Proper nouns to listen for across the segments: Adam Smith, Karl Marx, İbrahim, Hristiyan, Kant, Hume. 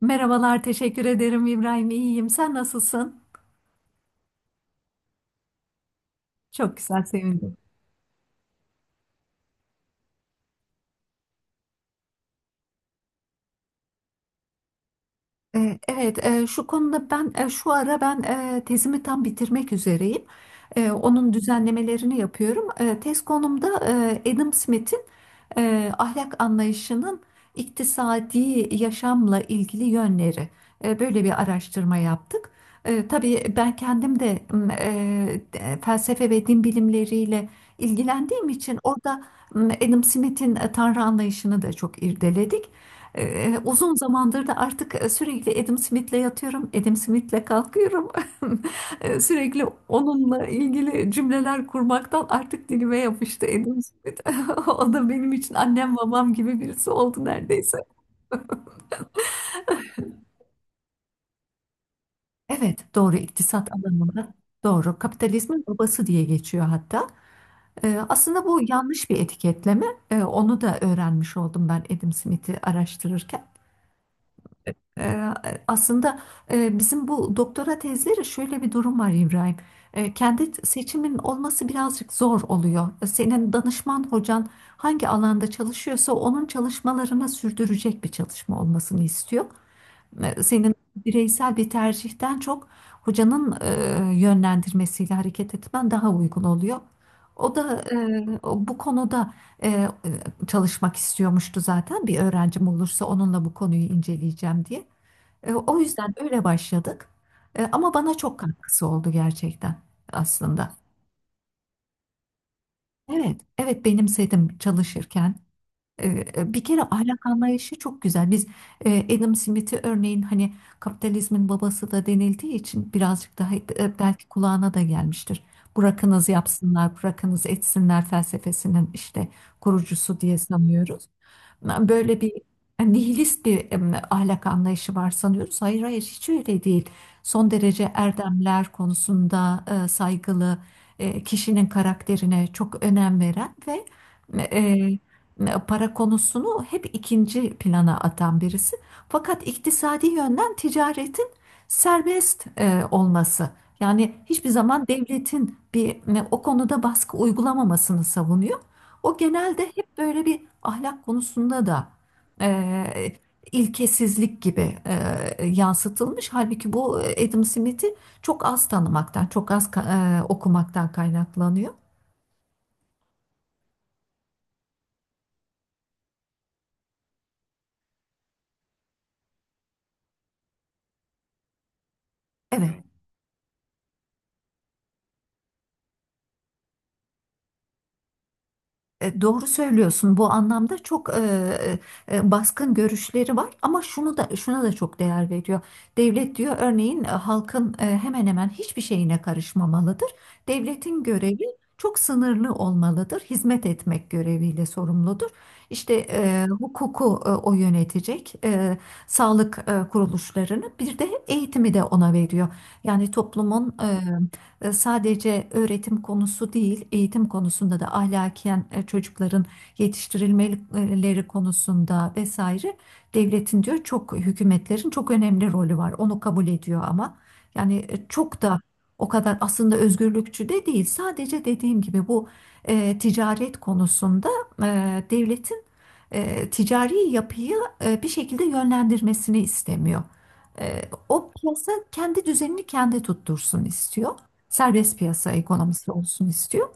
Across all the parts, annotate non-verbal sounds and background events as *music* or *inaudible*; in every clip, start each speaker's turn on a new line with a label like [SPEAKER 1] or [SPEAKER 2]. [SPEAKER 1] Merhabalar, teşekkür ederim İbrahim. İyiyim. Sen nasılsın? Çok güzel, sevindim. Evet, şu konuda ben, şu ara ben tezimi tam bitirmek üzereyim. Onun düzenlemelerini yapıyorum. Tez konumda Adam Smith'in ahlak anlayışının iktisadi yaşamla ilgili yönleri. Böyle bir araştırma yaptık. Tabii ben kendim de felsefe ve din bilimleriyle ilgilendiğim için orada, Adam Smith'in Tanrı anlayışını da çok irdeledik. Uzun zamandır da artık sürekli Adam Smith'le yatıyorum, Adam Smith'le kalkıyorum. *laughs* Sürekli onunla ilgili cümleler kurmaktan artık dilime yapıştı Adam Smith. *laughs* O da benim için annem babam gibi birisi oldu neredeyse. Evet, doğru, iktisat alanında, doğru, kapitalizmin babası diye geçiyor hatta. Aslında bu yanlış bir etiketleme. Onu da öğrenmiş oldum ben Adam Smith'i araştırırken. Ee, Aslında, bizim bu doktora tezleri şöyle bir durum var İbrahim. Kendi seçimin olması birazcık zor oluyor. Senin danışman hocan hangi alanda çalışıyorsa onun çalışmalarını sürdürecek bir çalışma olmasını istiyor. Senin bireysel bir tercihten çok hocanın yönlendirmesiyle hareket etmen daha uygun oluyor. O da, bu konuda e, e, çalışmak istiyormuştu zaten. Bir öğrencim olursa onunla bu konuyu inceleyeceğim diye. O yüzden öyle başladık. Ama bana çok katkısı oldu gerçekten aslında. Evet, evet, benimsedim çalışırken. E, Bir kere ahlak anlayışı çok güzel. Biz, Adam Smith'i örneğin, hani, kapitalizmin babası da denildiği için birazcık daha, belki kulağına da gelmiştir. Bırakınız yapsınlar, bırakınız etsinler felsefesinin işte kurucusu diye sanıyoruz. Böyle bir nihilist bir, ahlak anlayışı var sanıyoruz. Hayır, hayır, hiç öyle değil. Son derece erdemler konusunda saygılı, kişinin karakterine çok önem veren ve e, para konusunu hep ikinci plana atan birisi. Fakat iktisadi yönden ticaretin serbest olması. Yani hiçbir zaman devletin o konuda baskı uygulamamasını savunuyor. O genelde hep böyle bir ahlak konusunda da e, ilkesizlik gibi yansıtılmış. Halbuki bu Adam Smith'i çok az tanımaktan, çok az okumaktan kaynaklanıyor. Evet. Doğru söylüyorsun. Bu anlamda çok baskın görüşleri var, ama şunu da şuna da çok değer veriyor. Devlet diyor örneğin, halkın hemen hemen hiçbir şeyine karışmamalıdır. Devletin görevi çok sınırlı olmalıdır. Hizmet etmek göreviyle sorumludur. İşte hukuku, o yönetecek, sağlık kuruluşlarını, bir de eğitimi de ona veriyor. Yani toplumun sadece öğretim konusu değil, eğitim konusunda da ahlaken çocukların yetiştirilmeleri konusunda vesaire, devletin diyor, çok hükümetlerin çok önemli rolü var. Onu kabul ediyor ama, yani, çok da o kadar aslında özgürlükçü de değil. Sadece dediğim gibi bu, ticaret konusunda, devletin ticari yapıyı bir şekilde yönlendirmesini istemiyor. E, O, piyasa kendi düzenini kendi tuttursun istiyor, serbest piyasa ekonomisi olsun istiyor.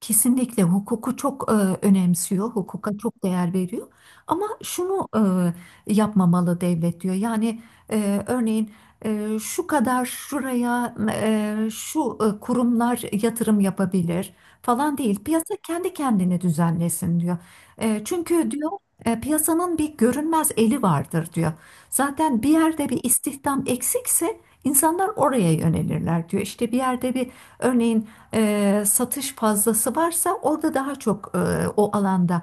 [SPEAKER 1] Kesinlikle hukuku çok önemsiyor, hukuka çok değer veriyor. Ama şunu yapmamalı devlet diyor. Yani, örneğin, şu kadar şuraya şu kurumlar yatırım yapabilir falan değil. Piyasa kendi kendini düzenlesin diyor. Çünkü diyor, piyasanın bir görünmez eli vardır diyor. Zaten bir yerde bir istihdam eksikse insanlar oraya yönelirler diyor. İşte bir yerde bir, örneğin, satış fazlası varsa orada daha çok, o alanda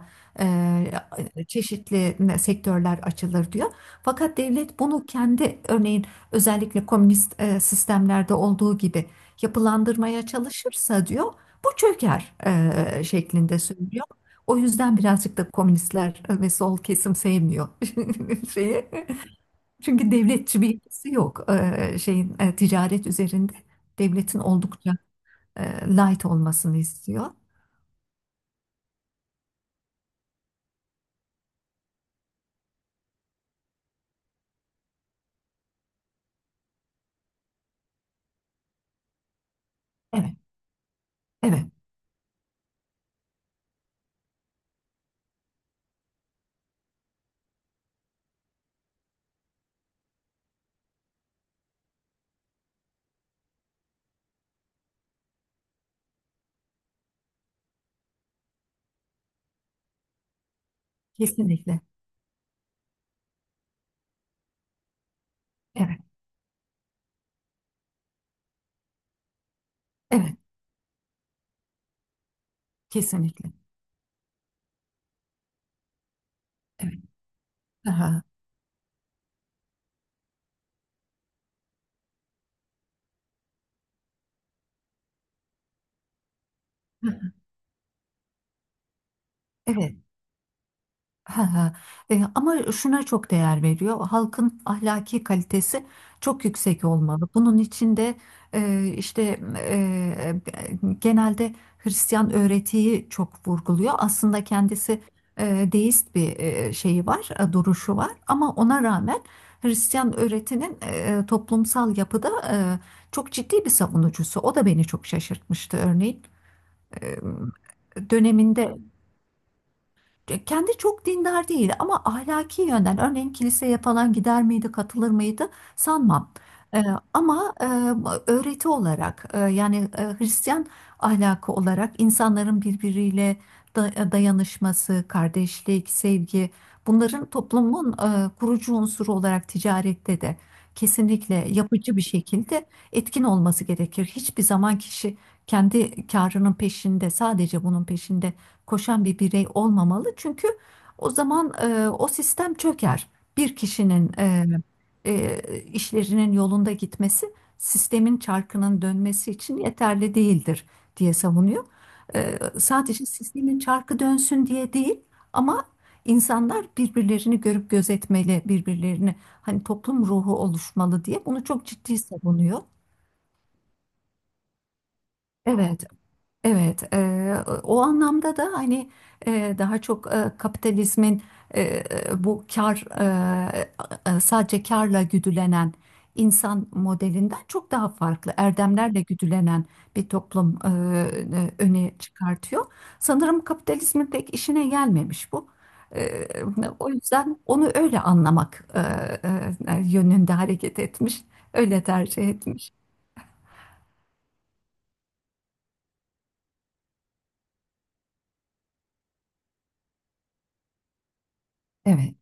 [SPEAKER 1] çeşitli sektörler açılır diyor. Fakat devlet bunu kendi, örneğin, özellikle komünist sistemlerde olduğu gibi yapılandırmaya çalışırsa diyor, bu çöker şeklinde söylüyor. O yüzden birazcık da komünistler ve sol kesim sevmiyor *laughs* şeyi. Çünkü devletçi bir yapısı yok şeyin, ticaret üzerinde. Devletin oldukça light olmasını istiyor. Evet, evet, kesinlikle. Evet, evet, kesinlikle. Evet. Aha. Evet. Ha, ha. Ama şuna çok değer veriyor. Halkın ahlaki kalitesi çok yüksek olmalı. Bunun için de, işte, genelde Hristiyan öğretiyi çok vurguluyor. Aslında kendisi deist bir şeyi var, duruşu var. Ama ona rağmen Hristiyan öğretinin toplumsal yapıda çok ciddi bir savunucusu. O da beni çok şaşırtmıştı örneğin. E, Döneminde, kendi çok dindar değil, ama ahlaki yönden örneğin kiliseye falan gider miydi, katılır mıydı sanmam. Ee, Ama öğreti olarak, yani Hristiyan ahlakı olarak, insanların birbiriyle dayanışması, kardeşlik, sevgi, bunların toplumun kurucu unsuru olarak ticarette de kesinlikle yapıcı bir şekilde etkin olması gerekir. Hiçbir zaman kişi kendi karının peşinde, sadece bunun peşinde koşan bir birey olmamalı. Çünkü o zaman o sistem çöker. Bir kişinin işlerinin yolunda gitmesi, sistemin çarkının dönmesi için yeterli değildir diye savunuyor. Sadece sistemin çarkı dönsün diye değil, ama insanlar birbirlerini görüp gözetmeli, birbirlerini, hani, toplum ruhu oluşmalı diye, bunu çok ciddi savunuyor. Evet. Evet, o anlamda da, hani, daha çok kapitalizmin, eee, bu kar sadece karla güdülenen insan modelinden çok daha farklı erdemlerle güdülenen bir toplum öne çıkartıyor. Sanırım kapitalizmin pek işine gelmemiş bu. Eee, O yüzden onu öyle anlamak yönünde hareket etmiş, öyle tercih etmiş. Evet.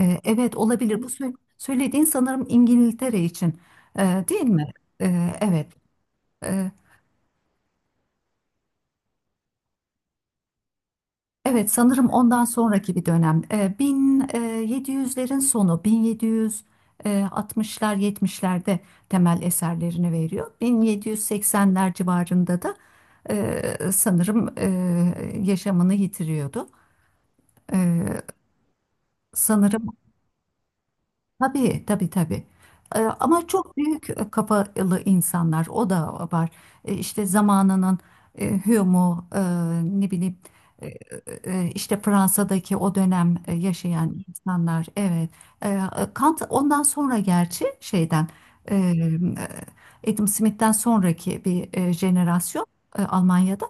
[SPEAKER 1] Evet, olabilir. Bu söylediğin sanırım İngiltere için, değil mi? Evet. E, evet, sanırım ondan sonraki bir dönem. 1700'lerin sonu, 1760'lar, 70'lerde temel eserlerini veriyor. 1780'ler civarında da, sanırım, yaşamını yitiriyordu. E, Sanırım. Tabii, tabii, tabii. Ama çok büyük kafalı insanlar, o da var. İşte zamanının Hume'u, ne bileyim, e, işte Fransa'daki o dönem yaşayan insanlar, evet. Ee, Kant ondan sonra, gerçi şeyden, e, Adam Smith'ten sonraki bir jenerasyon, Almanya'da.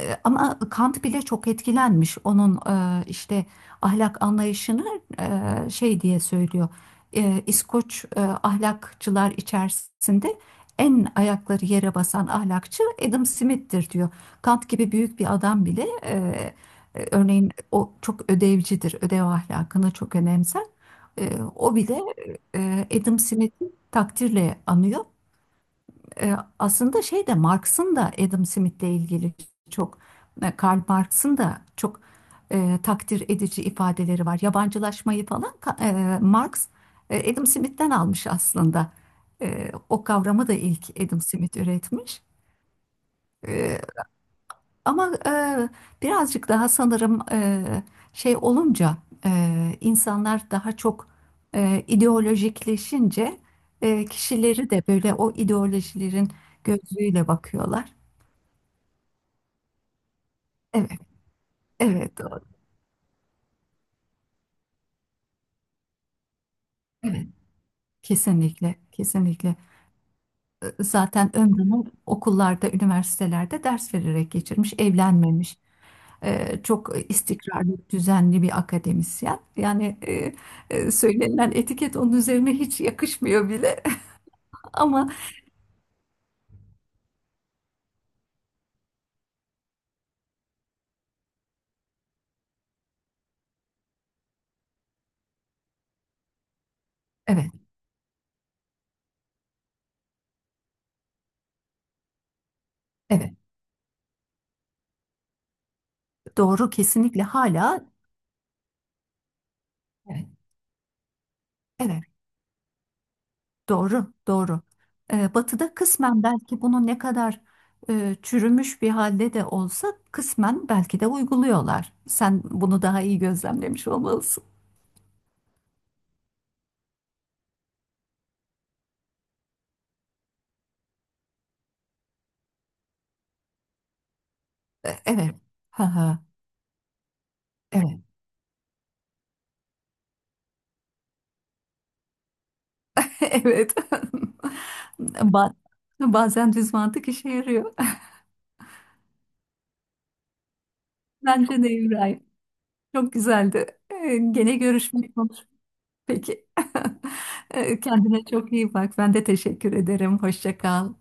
[SPEAKER 1] Ama Kant bile çok etkilenmiş. Onun işte ahlak anlayışını, şey diye söylüyor, İskoç ahlakçılar içerisinde en ayakları yere basan ahlakçı Adam Smith'tir diyor. Kant gibi büyük bir adam bile örneğin o çok ödevcidir, ödev ahlakını çok önemser. E, O bile Adam Smith'i takdirle anıyor. Aslında şey de Marx'ın da Adam Smith'le ilgili çok, Karl Marx'ın da çok, takdir edici ifadeleri var. Yabancılaşmayı falan Marx, Adam Smith'ten almış aslında. O kavramı da ilk Adam Smith üretmiş. Ama, birazcık daha sanırım, şey olunca, insanlar daha çok ideolojikleşince, kişileri de böyle o ideolojilerin gözüyle bakıyorlar. Evet, evet, doğru. Evet, kesinlikle, kesinlikle. Zaten ömrünü okullarda, üniversitelerde ders vererek geçirmiş, evlenmemiş. Çok istikrarlı, düzenli bir akademisyen. Yani söylenilen etiket onun üzerine hiç yakışmıyor bile. Ama evet, evet. Doğru, kesinlikle, hala evet, evet. Doğru, doğru. Batı'da kısmen, belki bunu ne kadar çürümüş bir halde de olsa, kısmen belki de uyguluyorlar. Sen bunu daha iyi gözlemlemiş olmalısın. Evet. Ha, ha. Evet. *laughs* Evet. *laughs* Ba- Bazen düz mantık işe yarıyor. *laughs* Bence de İbrahim. Çok güzeldi. Gene görüşmek, Peki. *laughs* Kendine çok iyi bak. Ben de teşekkür ederim. Hoşça kal.